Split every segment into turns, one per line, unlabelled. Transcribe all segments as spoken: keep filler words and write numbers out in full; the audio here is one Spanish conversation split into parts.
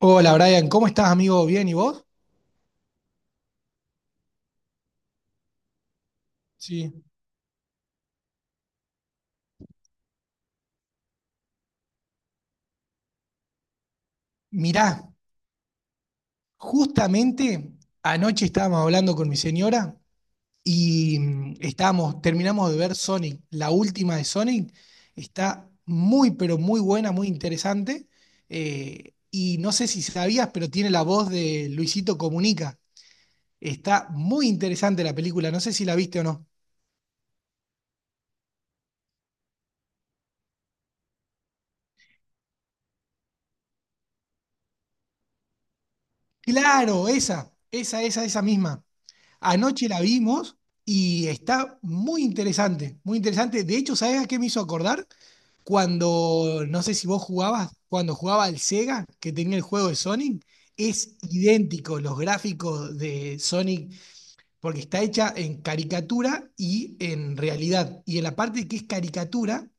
Hola Brian, ¿cómo estás amigo? ¿Bien y vos? Sí. Mirá, justamente anoche estábamos hablando con mi señora y mm, estábamos, terminamos de ver Sonic, la última de Sonic, está muy pero muy buena, muy interesante. Eh, y no sé si sabías, pero tiene la voz de Luisito Comunica. Está muy interesante la película, no sé si la viste o no. Claro, esa, esa, esa, esa misma. Anoche la vimos y está muy interesante, muy interesante. De hecho, ¿sabes a qué me hizo acordar? Cuando, no sé si vos jugabas, cuando jugaba al Sega, que tenía el juego de Sonic, es idéntico los gráficos de Sonic, porque está hecha en caricatura y en realidad. Y en la parte que es caricatura,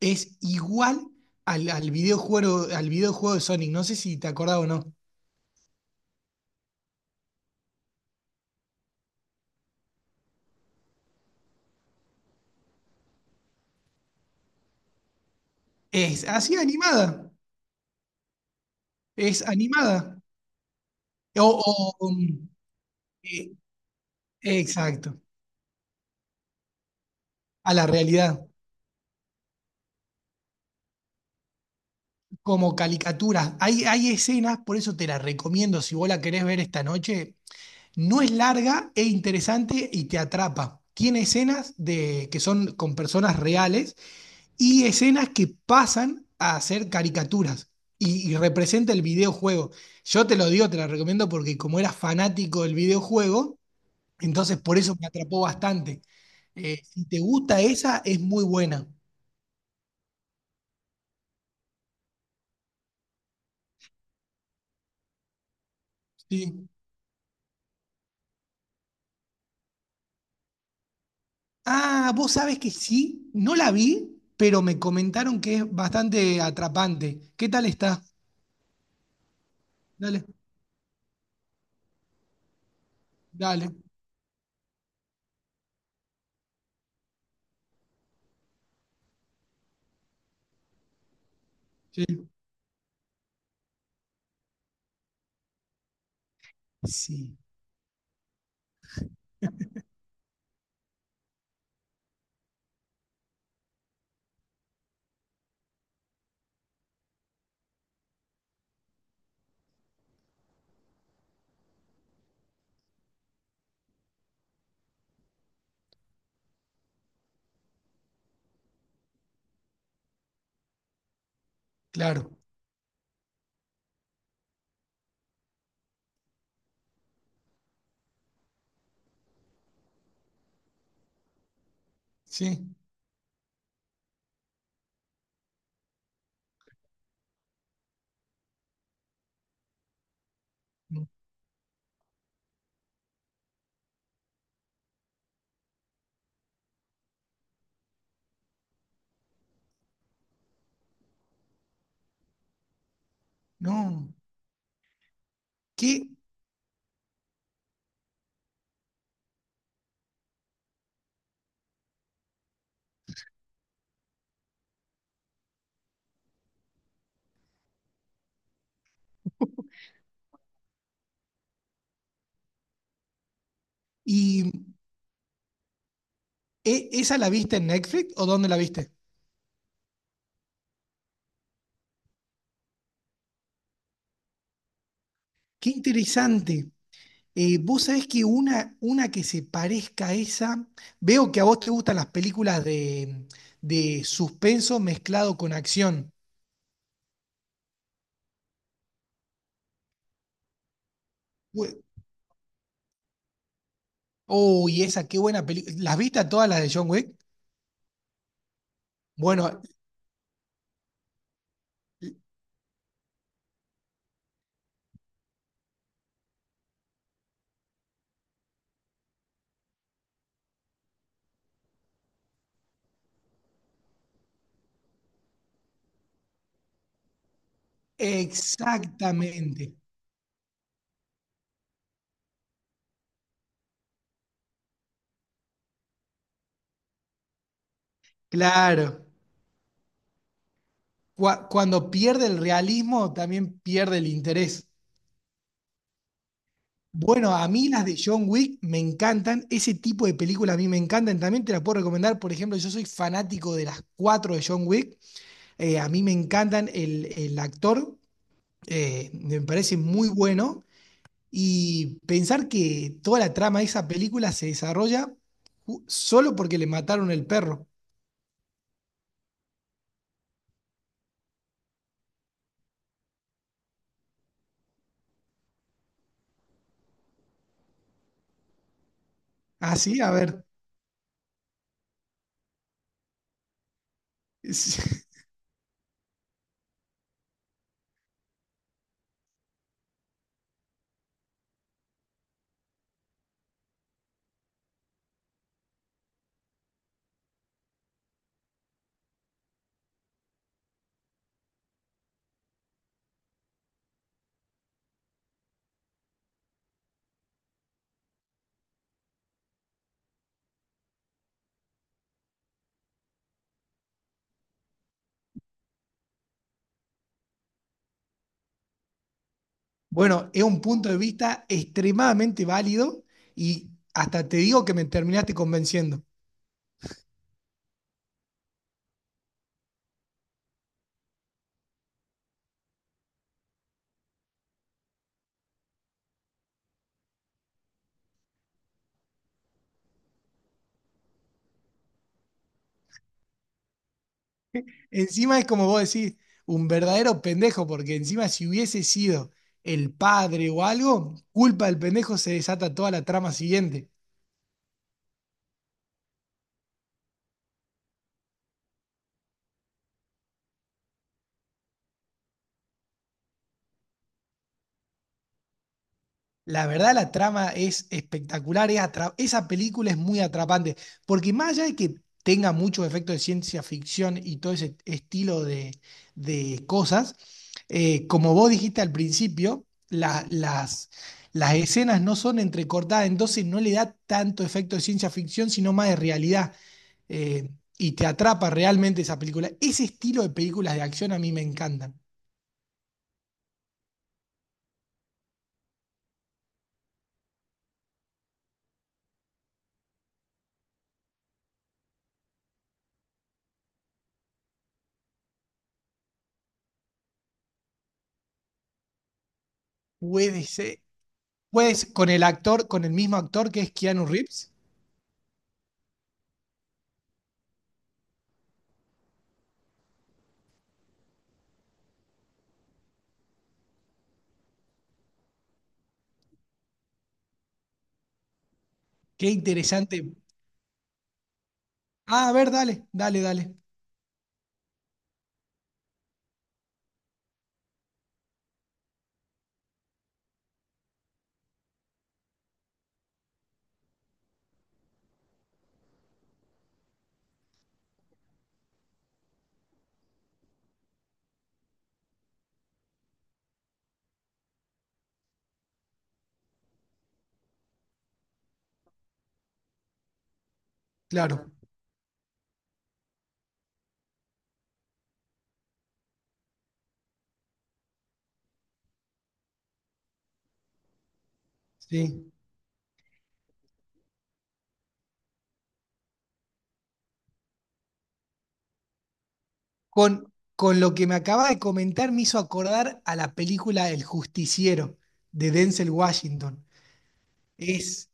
es igual al, al videojuego, al videojuego de Sonic. No sé si te acordás o no. Es así animada, es animada. O, o, um, Eh, exacto, a la realidad, como caricaturas. Hay, hay escenas, por eso te la recomiendo si vos la querés ver esta noche. No es larga, es interesante y te atrapa. Tiene escenas de, que son con personas reales y escenas que pasan a ser caricaturas y, y representa el videojuego. Yo te lo digo, te la recomiendo porque como era fanático del videojuego, entonces por eso me atrapó bastante. Eh, si te gusta esa, es muy buena. Sí. Ah, vos sabés que sí, no la vi, pero me comentaron que es bastante atrapante. ¿Qué tal está? Dale, dale. Sí, sí, claro. Sí. No. ¿Qué? ¿Y e- esa la viste en Netflix o dónde la viste? Qué interesante. Eh, vos sabés que una, una que se parezca a esa, veo que a vos te gustan las películas de, de suspenso mezclado con acción. Ue- Oh, y esa, qué buena película. ¿Las viste a todas las de John Wick? Bueno, exactamente, claro. Cua- Cuando pierde el realismo, también pierde el interés. Bueno, a mí las de John Wick me encantan, ese tipo de películas a mí me encantan, también te las puedo recomendar, por ejemplo, yo soy fanático de las cuatro de John Wick. Eh, a mí me encantan el, el actor, eh, me parece muy bueno, y pensar que toda la trama de esa película se desarrolla ju- solo porque le mataron el perro. Así, a ver. Bueno, es un punto de vista extremadamente válido y hasta te digo que me terminaste convenciendo. Encima es como vos decís, un verdadero pendejo, porque encima si hubiese sido el padre o algo, culpa del pendejo se desata toda la trama siguiente. La verdad, la trama es espectacular, es atra- esa película es muy atrapante, porque más allá de que tenga muchos efectos de ciencia ficción y todo ese estilo de, de cosas, eh, como vos dijiste al principio, la- las, las escenas no son entrecortadas, entonces no le da tanto efecto de ciencia ficción, sino más de realidad, eh, y te atrapa realmente esa película. Ese estilo de películas de acción a mí me encantan. Puede ser, puedes con el actor, con el mismo actor que es Keanu Reeves. Qué interesante. Ah, a ver, dale, dale, dale. Claro, sí. Con, con lo que me acaba de comentar me hizo acordar a la película El Justiciero de Denzel Washington. Es,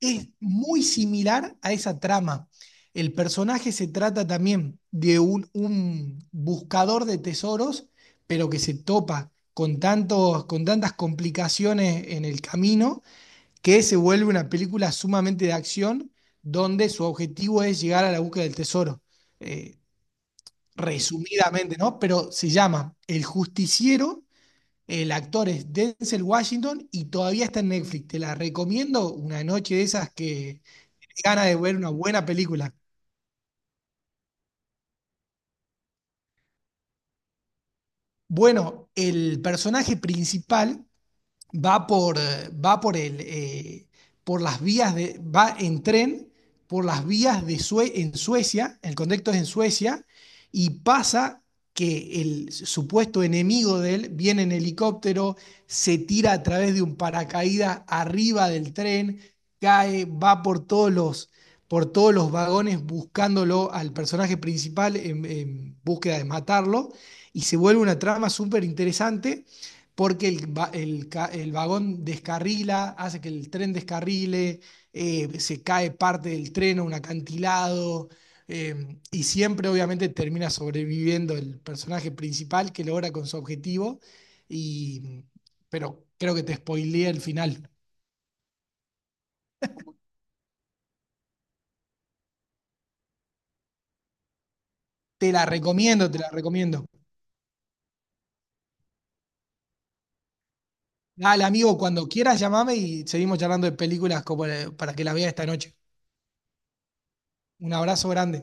es muy similar a esa trama. El personaje se trata también de un, un buscador de tesoros, pero que se topa con tantos, con tantas complicaciones en el camino que se vuelve una película sumamente de acción donde su objetivo es llegar a la búsqueda del tesoro. Eh, Resumidamente, ¿no? Pero se llama El Justiciero, el actor es Denzel Washington y todavía está en Netflix. Te la recomiendo una noche de esas que gana de ver una buena película. Bueno, el personaje principal va por, eh, va por el, eh, por las vías de, va en tren por las vías de Sue- en Suecia, el contexto es en Suecia, y pasa que el supuesto enemigo de él viene en helicóptero, se tira a través de un paracaídas arriba del tren, cae, va por todos los, por todos los vagones buscándolo al personaje principal en, en búsqueda de matarlo, y se vuelve una trama súper interesante porque el, va- el ca- el vagón descarrila, hace que el tren descarrile, eh, se cae parte del tren a un acantilado, eh, y siempre obviamente termina sobreviviendo el personaje principal que logra con su objetivo, y, pero creo que te spoileé el final. Te la recomiendo, te la recomiendo. Dale, amigo, cuando quieras llamame y seguimos charlando de películas como, eh, para que la veas esta noche. Un abrazo grande.